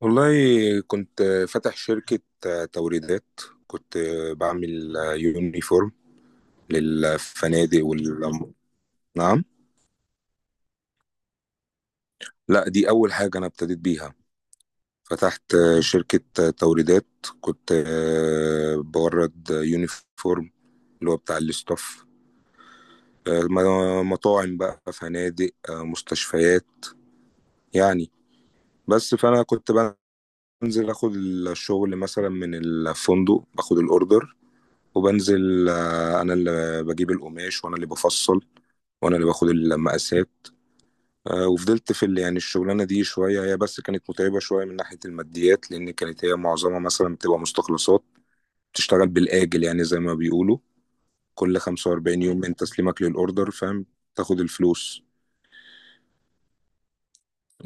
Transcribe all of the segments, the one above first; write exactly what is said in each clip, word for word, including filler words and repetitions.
والله، كنت فاتح شركة توريدات. كنت بعمل يونيفورم للفنادق وال نعم. لا، دي أول حاجة أنا ابتديت بيها. فتحت شركة توريدات، كنت بورد يونيفورم اللي هو بتاع الاستاف، مطاعم بقى، فنادق، مستشفيات، يعني. بس فأنا كنت بنزل أخد الشغل مثلا من الفندق، باخد الأوردر وبنزل، آه، انا اللي بجيب القماش، وانا اللي بفصل، وانا اللي باخد المقاسات. آه، وفضلت في ال- يعني الشغلانه دي شويه، هي بس كانت متعبه شويه من ناحيه الماديات، لان كانت هي معظمها مثلا بتبقى مستخلصات، بتشتغل بالاجل، يعني زي ما بيقولوا كل خمسة وأربعين يوم من تسليمك للاوردر، فاهم، تاخد الفلوس.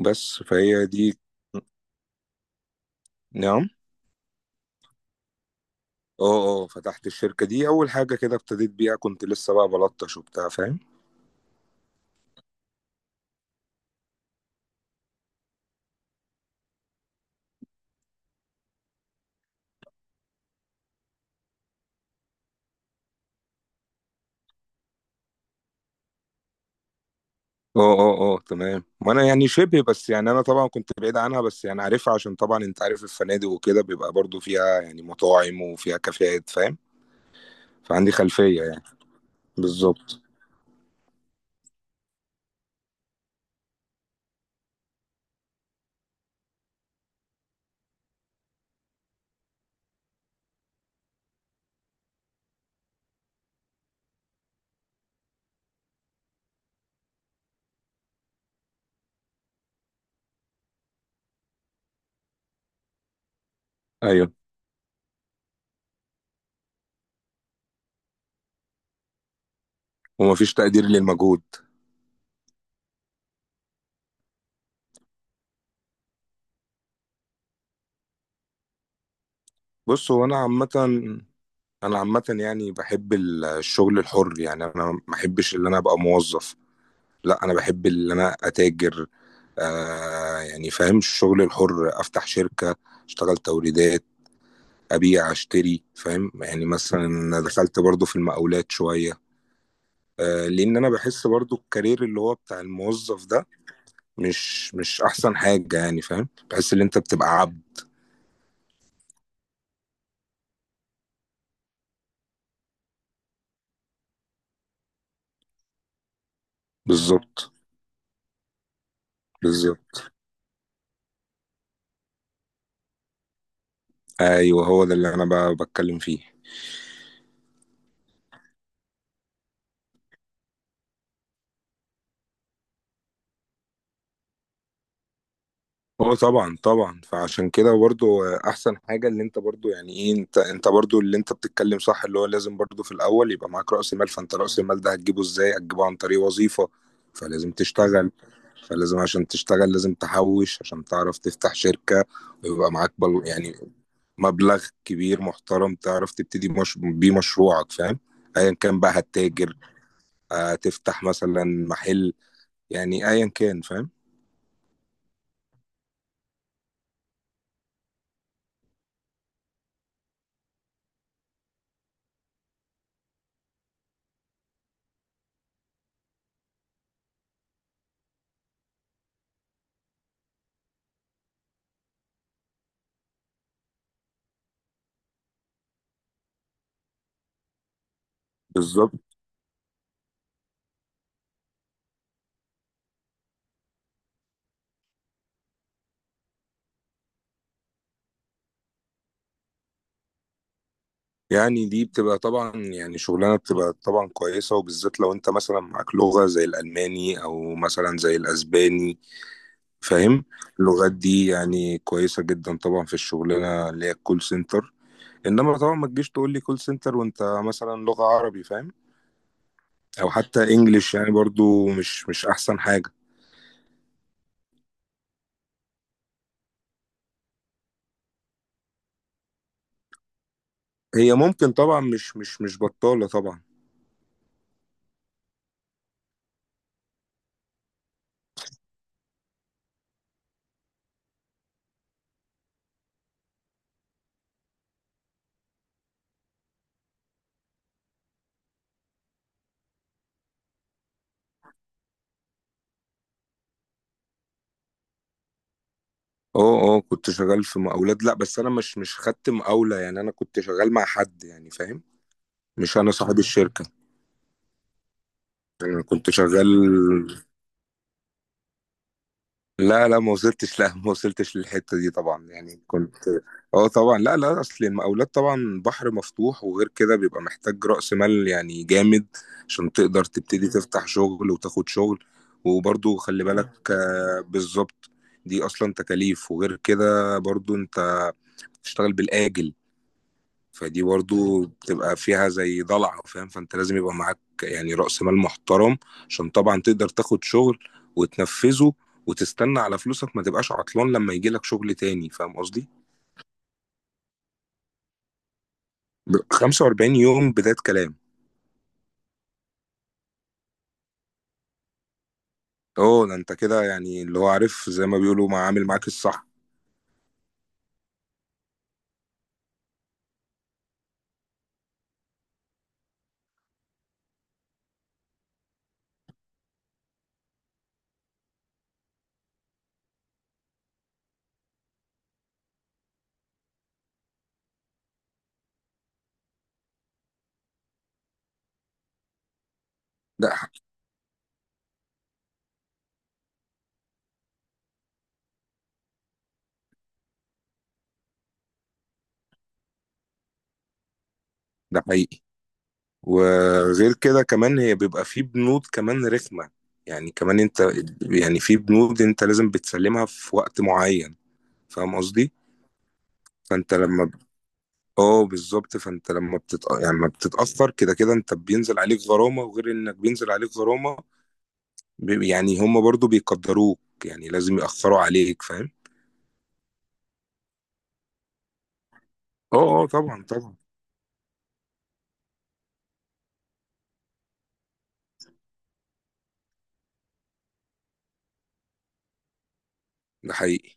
بس فهي دي. نعم. اه اه، فتحت الشركه دي اول حاجه كده ابتديت بيها، كنت لسه بقى بلطش وبتاع، فاهم. اه اه اه، تمام. وانا يعني شبه، بس يعني انا طبعا كنت بعيد عنها، بس يعني عارفها، عشان طبعا انت عارف الفنادق وكده بيبقى برضو فيها يعني مطاعم وفيها كافيهات، فاهم. فعندي خلفية يعني، بالظبط. ايوه. ومفيش تقدير للمجهود. بص، هو انا عامة، انا عامة يعني بحب ال- الشغل الحر، يعني انا ما بحبش ان انا ابقى موظف، لا انا بحب ان انا اتاجر. آه يعني فاهم، الشغل الحر، افتح شركة، اشتغل توريدات، ابيع اشتري، فاهم يعني. مثلا أنا دخلت برضو في المقاولات شويه. آه، لان انا بحس برضو الكارير اللي هو بتاع الموظف ده مش مش احسن حاجه، يعني فاهم، بحس ان انت بتبقى عبد. بالظبط. بالظبط، ايوه، هو ده اللي انا ب- بتكلم فيه. هو طبعا طبعا، فعشان كده برضو احسن حاجه اللي انت برضو، يعني ايه، انت انت برضو اللي انت بتتكلم صح، اللي هو لازم برضو في الاول يبقى معاك راس مال. فانت راس المال ده هتجيبه ازاي؟ هتجيبه عن طريق وظيفه. فلازم تشتغل، فلازم عشان تشتغل لازم تحوش عشان تعرف تفتح شركة، ويبقى معاك بل يعني مبلغ كبير محترم تعرف تبتدي مش... بيه مشروعك، فاهم. ايا كان بقى هتتاجر، آه، تفتح مثلا محل، يعني ايا كان، فاهم. بالظبط. يعني دي بتبقى طبعا، يعني شغلانة بتبقى طبعا كويسة، وبالذات لو انت مثلا معاك لغة زي الألماني أو مثلا زي الأسباني، فاهم. اللغات دي يعني كويسة جدا طبعا في الشغلانة اللي هي الكول سنتر. انما طبعا ما تجيش تقول لي كول سنتر وانت مثلا لغة عربي، فاهم، او حتى انجليش، يعني برضو مش مش احسن حاجة. هي ممكن طبعا مش مش مش بطالة طبعا. اه اه، كنت شغال في مقاولات. لا بس انا مش مش خدت مقاولة، يعني انا كنت شغال مع حد، يعني فاهم، مش انا صاحب الشركة، انا كنت شغال. لا لا، ما وصلتش. لا، ما وصلتش للحتة دي طبعا، يعني كنت. اه طبعا. لا لا، اصل المقاولات طبعا بحر مفتوح، وغير كده بيبقى محتاج رأس مال يعني جامد، عشان تقدر تبتدي تفتح شغل وتاخد شغل. وبرضو خلي بالك، آه، بالظبط، دي اصلا تكاليف، وغير كده برضو انت بتشتغل بالآجل، فدي برضو بتبقى فيها زي ضلع، فاهم. فانت لازم يبقى معاك يعني رأس مال محترم، عشان طبعا تقدر تاخد شغل وتنفذه وتستنى على فلوسك، ما تبقاش عطلان لما يجي لك شغل تاني، فاهم قصدي. ب- خمسة وأربعين يوم بداية كلام. اه، ده انت كده يعني، اللي هو عارف زي ما بيقولوا، ما عامل معاك الصح. ده ح- ده حقيقي. وغير كده كمان هي بيبقى في بنود كمان رخمة، يعني كمان انت، يعني في بنود انت لازم بتسلمها في وقت معين، فاهم قصدي. فانت لما، اه، بالظبط، فانت لما بتت... يعني لما بتتاثر كده كده، انت بينزل عليك غرامه، وغير انك بينزل عليك غرامه، ب... يعني هم برضو بيقدروك، يعني لازم ياثروا عليك، فاهم. اه اه طبعا طبعا. ده حقيقي،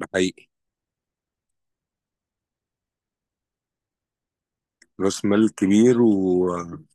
ده حقيقي، راس مال كبير وبالظبط.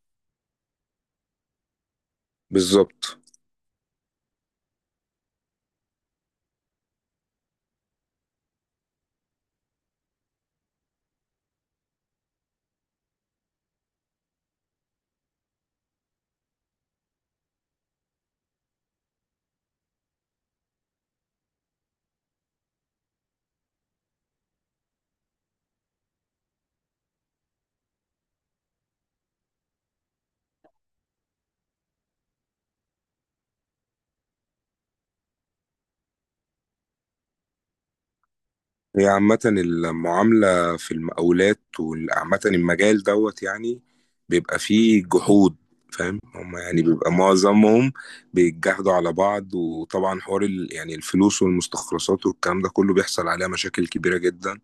هي عامة المعاملة في المقاولات وعامة المجال دوت يعني، بيبقى فيه جحود، فاهم، هم يعني بيبقى معظمهم بيتجاهدوا على بعض. وطبعا حوار ال- يعني الفلوس والمستخلصات والكلام ده كله بيحصل عليها مشاكل كبيرة جدا،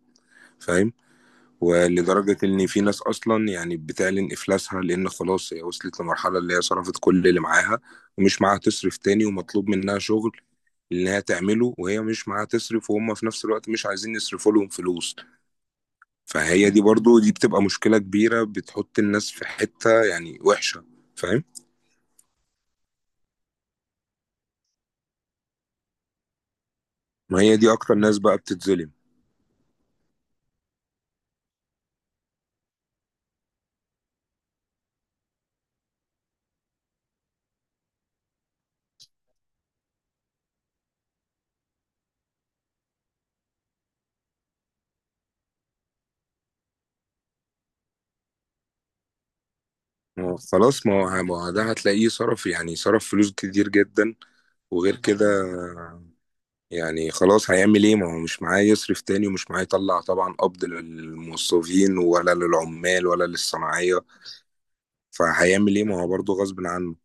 فاهم. ولدرجة إن في ناس أصلا يعني بتعلن إفلاسها، لأن خلاص هي وصلت لمرحلة اللي هي صرفت كل اللي معاها، ومش معاها تصرف تاني، ومطلوب منها شغل اللي هي تعمله، وهي مش معاها تصرف، وهم في نفس الوقت مش عايزين يصرفوا لهم فلوس. فهي دي برضو دي بتبقى مشكلة كبيرة، بتحط الناس في حتة يعني وحشة، فاهم. ما هي دي اكتر ناس بقى بتتظلم. ما هو خلاص، ما هو ما هو ده هتلاقيه صرف، يعني صرف فلوس كتير جدا. وغير كده يعني خلاص، هيعمل ايه ما هو مش معاه يصرف تاني، ومش معاه يطلع طبعا قبض للموظفين ولا للعمال ولا للصناعية، فهيعمل ايه، ما هو برضه غصب عنه.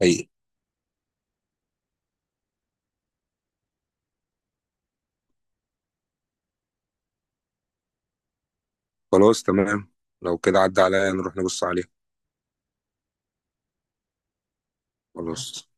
حقيقي. خلاص، تمام، لو كده عدى عليا نروح نبص عليه. خلاص.